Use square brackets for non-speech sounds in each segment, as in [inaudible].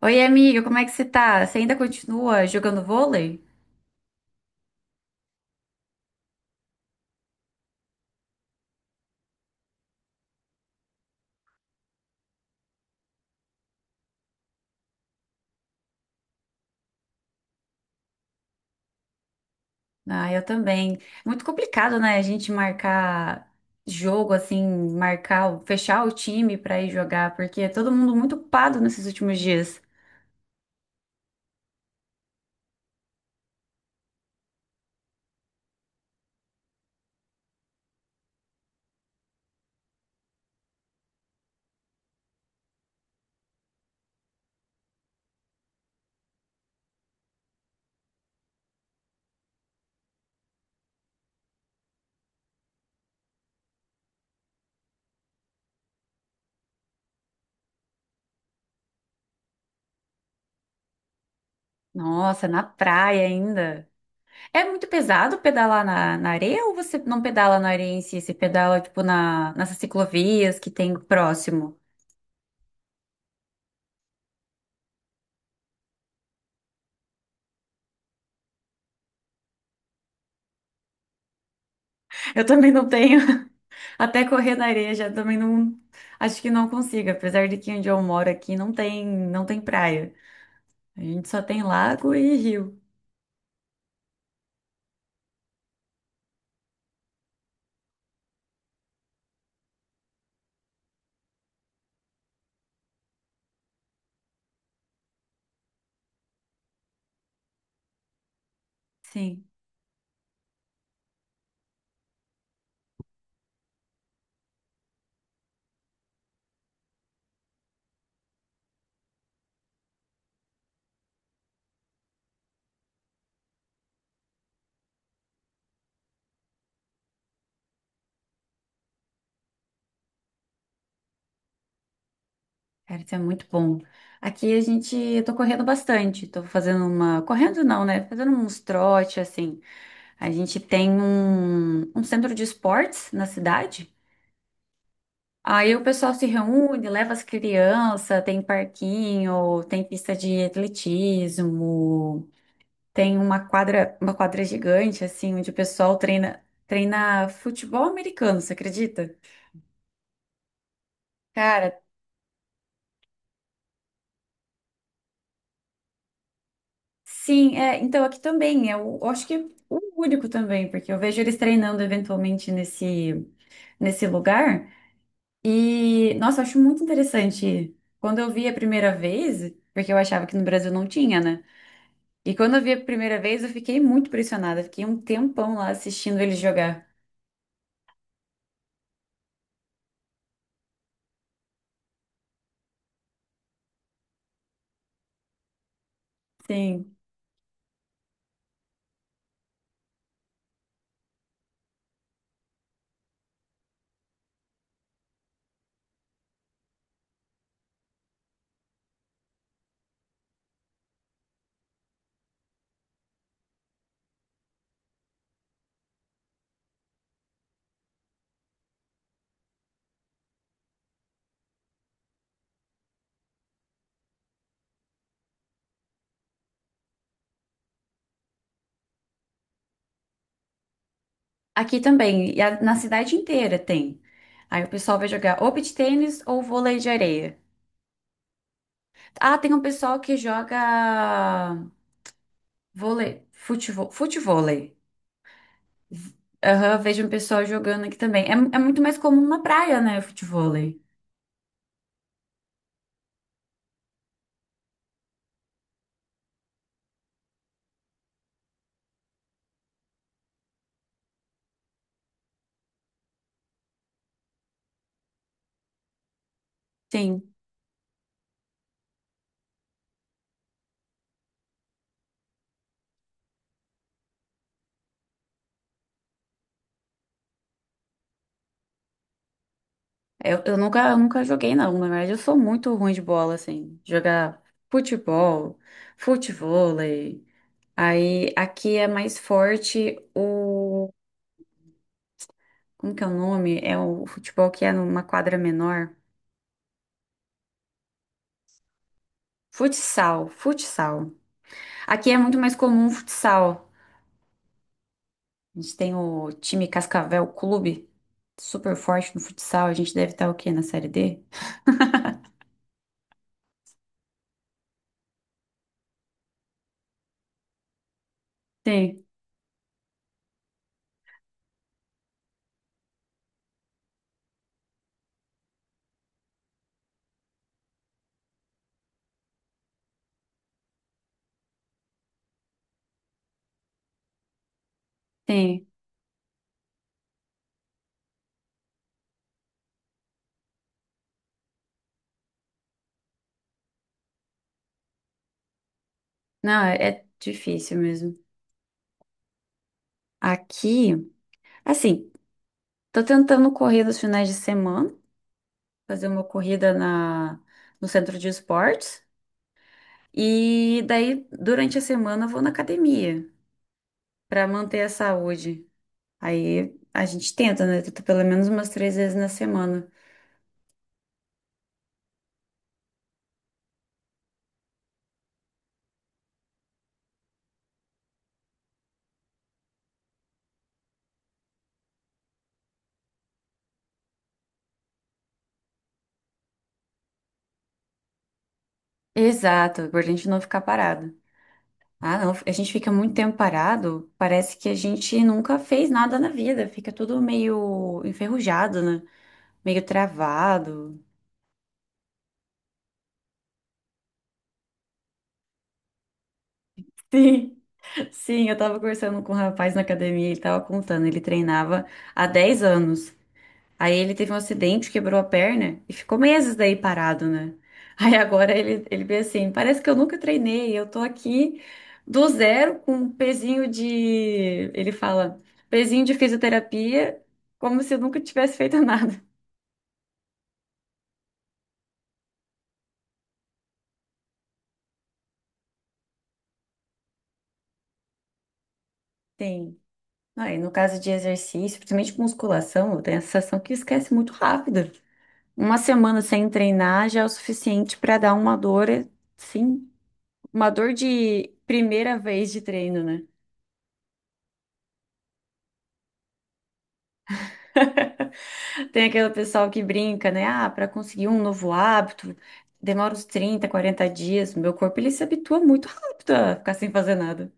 Oi, amiga, como é que você tá? Você ainda continua jogando vôlei? Ah, eu também. É muito complicado, né? A gente marcar jogo, assim, fechar o time pra ir jogar, porque é todo mundo muito ocupado nesses últimos dias. Nossa, na praia ainda. É muito pesado pedalar na areia ou você não pedala na areia em si? Você pedala, tipo, nessas ciclovias que tem próximo? Eu também não tenho. Até correr na areia já também não. Acho que não consigo, apesar de que onde eu moro aqui não tem praia. A gente só tem lago e rio. Sim, cara, isso é muito bom. Aqui a gente. Eu tô correndo bastante. Tô fazendo uma. Correndo não, né? Fazendo uns trote, assim. A gente tem um centro de esportes na cidade. Aí o pessoal se reúne, leva as crianças, tem parquinho, tem pista de atletismo. Tem uma quadra gigante, assim, onde o pessoal treina futebol americano, você acredita? Cara, sim, é, então aqui também, eu acho que é o único também, porque eu vejo eles treinando eventualmente nesse lugar, e, nossa, eu acho muito interessante. Quando eu vi a primeira vez, porque eu achava que no Brasil não tinha, né? E quando eu vi a primeira vez, eu fiquei muito impressionada, fiquei um tempão lá assistindo eles jogar. Sim. Aqui também, e na cidade inteira tem. Aí o pessoal vai jogar ou beach tênis ou vôlei de areia. Ah, tem um pessoal que joga vôlei, futevôlei. Futevôlei. Aham, vejo um pessoal jogando aqui também. É muito mais comum na praia, né, futevôlei. Sim. Eu nunca joguei, não. Na verdade, eu sou muito ruim de bola, assim. Jogar futebol, futevôlei. Aí aqui é mais forte. Como que é o nome? É o futebol que é numa quadra menor. Futsal, futsal. Aqui é muito mais comum o futsal. A gente tem o time Cascavel Clube, super forte no futsal. A gente deve estar o quê? Na série D? Sim, sim. Não, é difícil mesmo. Aqui, assim, tô tentando correr nos finais de semana, fazer uma corrida no centro de esportes. E daí, durante a semana, eu vou na academia para manter a saúde. Aí a gente tenta, né? Tenta pelo menos umas três vezes na semana. Exato, pra gente não ficar parado. Ah, não, a gente fica muito tempo parado, parece que a gente nunca fez nada na vida, fica tudo meio enferrujado, né? Meio travado. [laughs] Sim, sim, eu tava conversando com um rapaz na academia, ele tava contando, ele treinava há 10 anos. Aí ele teve um acidente, quebrou a perna e ficou meses daí parado, né? [laughs] Aí agora ele vê assim, parece que eu nunca treinei, eu tô aqui do zero com um pezinho de, ele fala, pezinho de fisioterapia, como se eu nunca tivesse feito [laughs] nada. Sim. Ah, e no caso de exercício, principalmente com musculação, eu tenho a sensação que esquece muito rápido. Uma semana sem treinar já é o suficiente para dar uma dor, sim, uma dor de primeira vez de treino, né? [laughs] Tem aquele pessoal que brinca, né? Ah, para conseguir um novo hábito, demora uns 30 40 dias. Meu corpo, ele se habitua muito rápido a ficar sem fazer nada.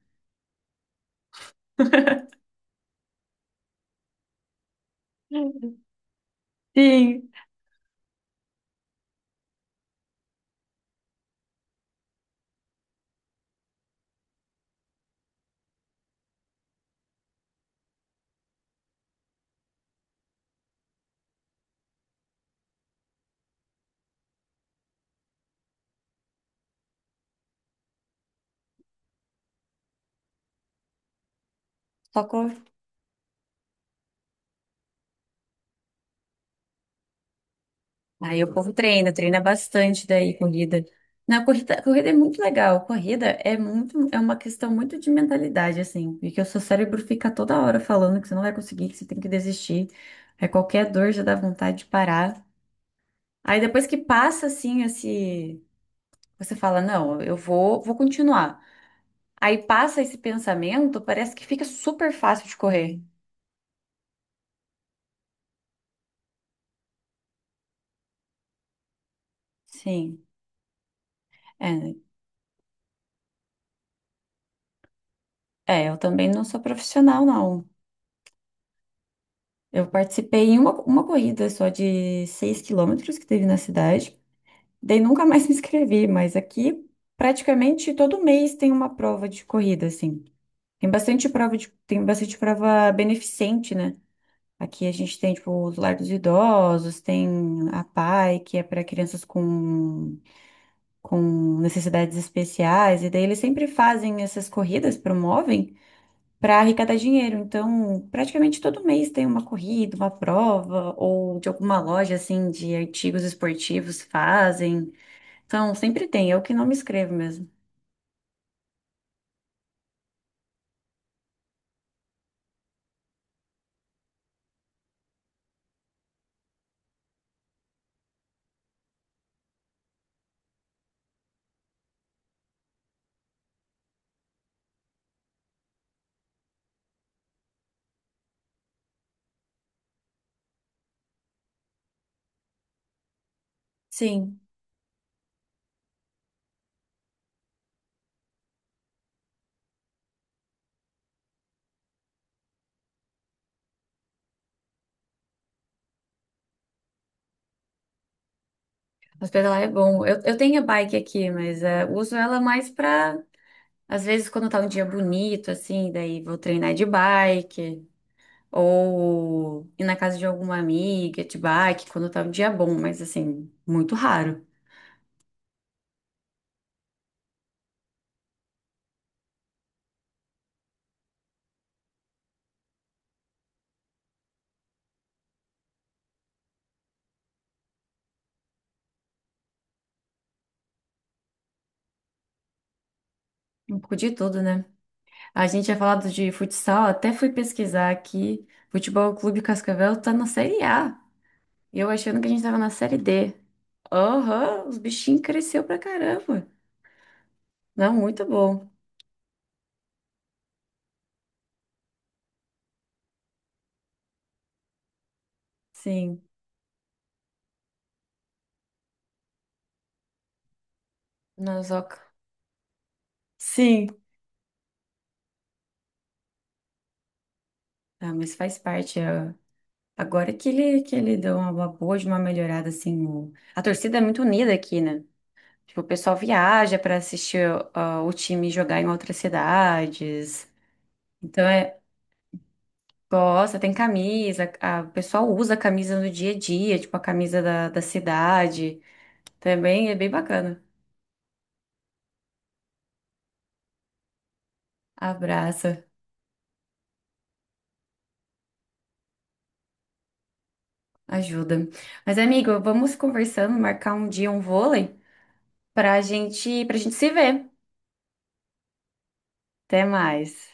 Sim, só cor. Aí o povo treina, treina bastante daí, corrida. Corrida é muito legal. Corrida é muito, é uma questão muito de mentalidade, assim, porque o seu cérebro fica toda hora falando que você não vai conseguir, que você tem que desistir. Aí qualquer dor já dá vontade de parar. Aí depois que passa, assim, esse, você fala, não, eu vou continuar. Aí passa esse pensamento, parece que fica super fácil de correr. Sim. É, eu também não sou profissional, não. Eu participei em uma corrida só de 6 km que teve na cidade. Daí nunca [laughs] mais me inscrevi, mas aqui praticamente todo mês tem uma prova de corrida, assim. Tem bastante prova beneficente, né? Aqui a gente tem, tipo, os lar dos idosos, tem a PAI, que é para crianças com necessidades especiais, e daí eles sempre fazem essas corridas, promovem, para arrecadar dinheiro. Então, praticamente todo mês tem uma corrida, uma prova, ou de alguma loja assim de artigos esportivos fazem. Então, sempre tem, eu que não me inscrevo mesmo. Sim, mas pedalar é bom. Eu tenho a bike aqui, mas é, uso ela mais para, às vezes, quando tá um dia bonito, assim, daí vou treinar de bike. Ou ir na casa de alguma amiga, de bike, quando tá um dia bom, mas assim, muito raro. Um pouco de tudo, né? A gente tinha falado de futsal, até fui pesquisar aqui. Futebol Clube Cascavel tá na Série A. E eu achando que a gente tava na Série D. Aham, os bichinhos cresceu pra caramba. Não, muito bom. Sim, Nazoca. Sim. Ah, mas faz parte. É. Agora que ele deu de uma melhorada, assim. A torcida é muito unida aqui, né? Tipo, o pessoal viaja para assistir ó, o time jogar em outras cidades. Então é, gosta, tem camisa, o pessoal usa a camisa no dia a dia, tipo a camisa da cidade. Também é bem bacana. Abraça, ajuda. Mas, amigo, vamos conversando, marcar um dia um vôlei pra gente se ver. Até mais.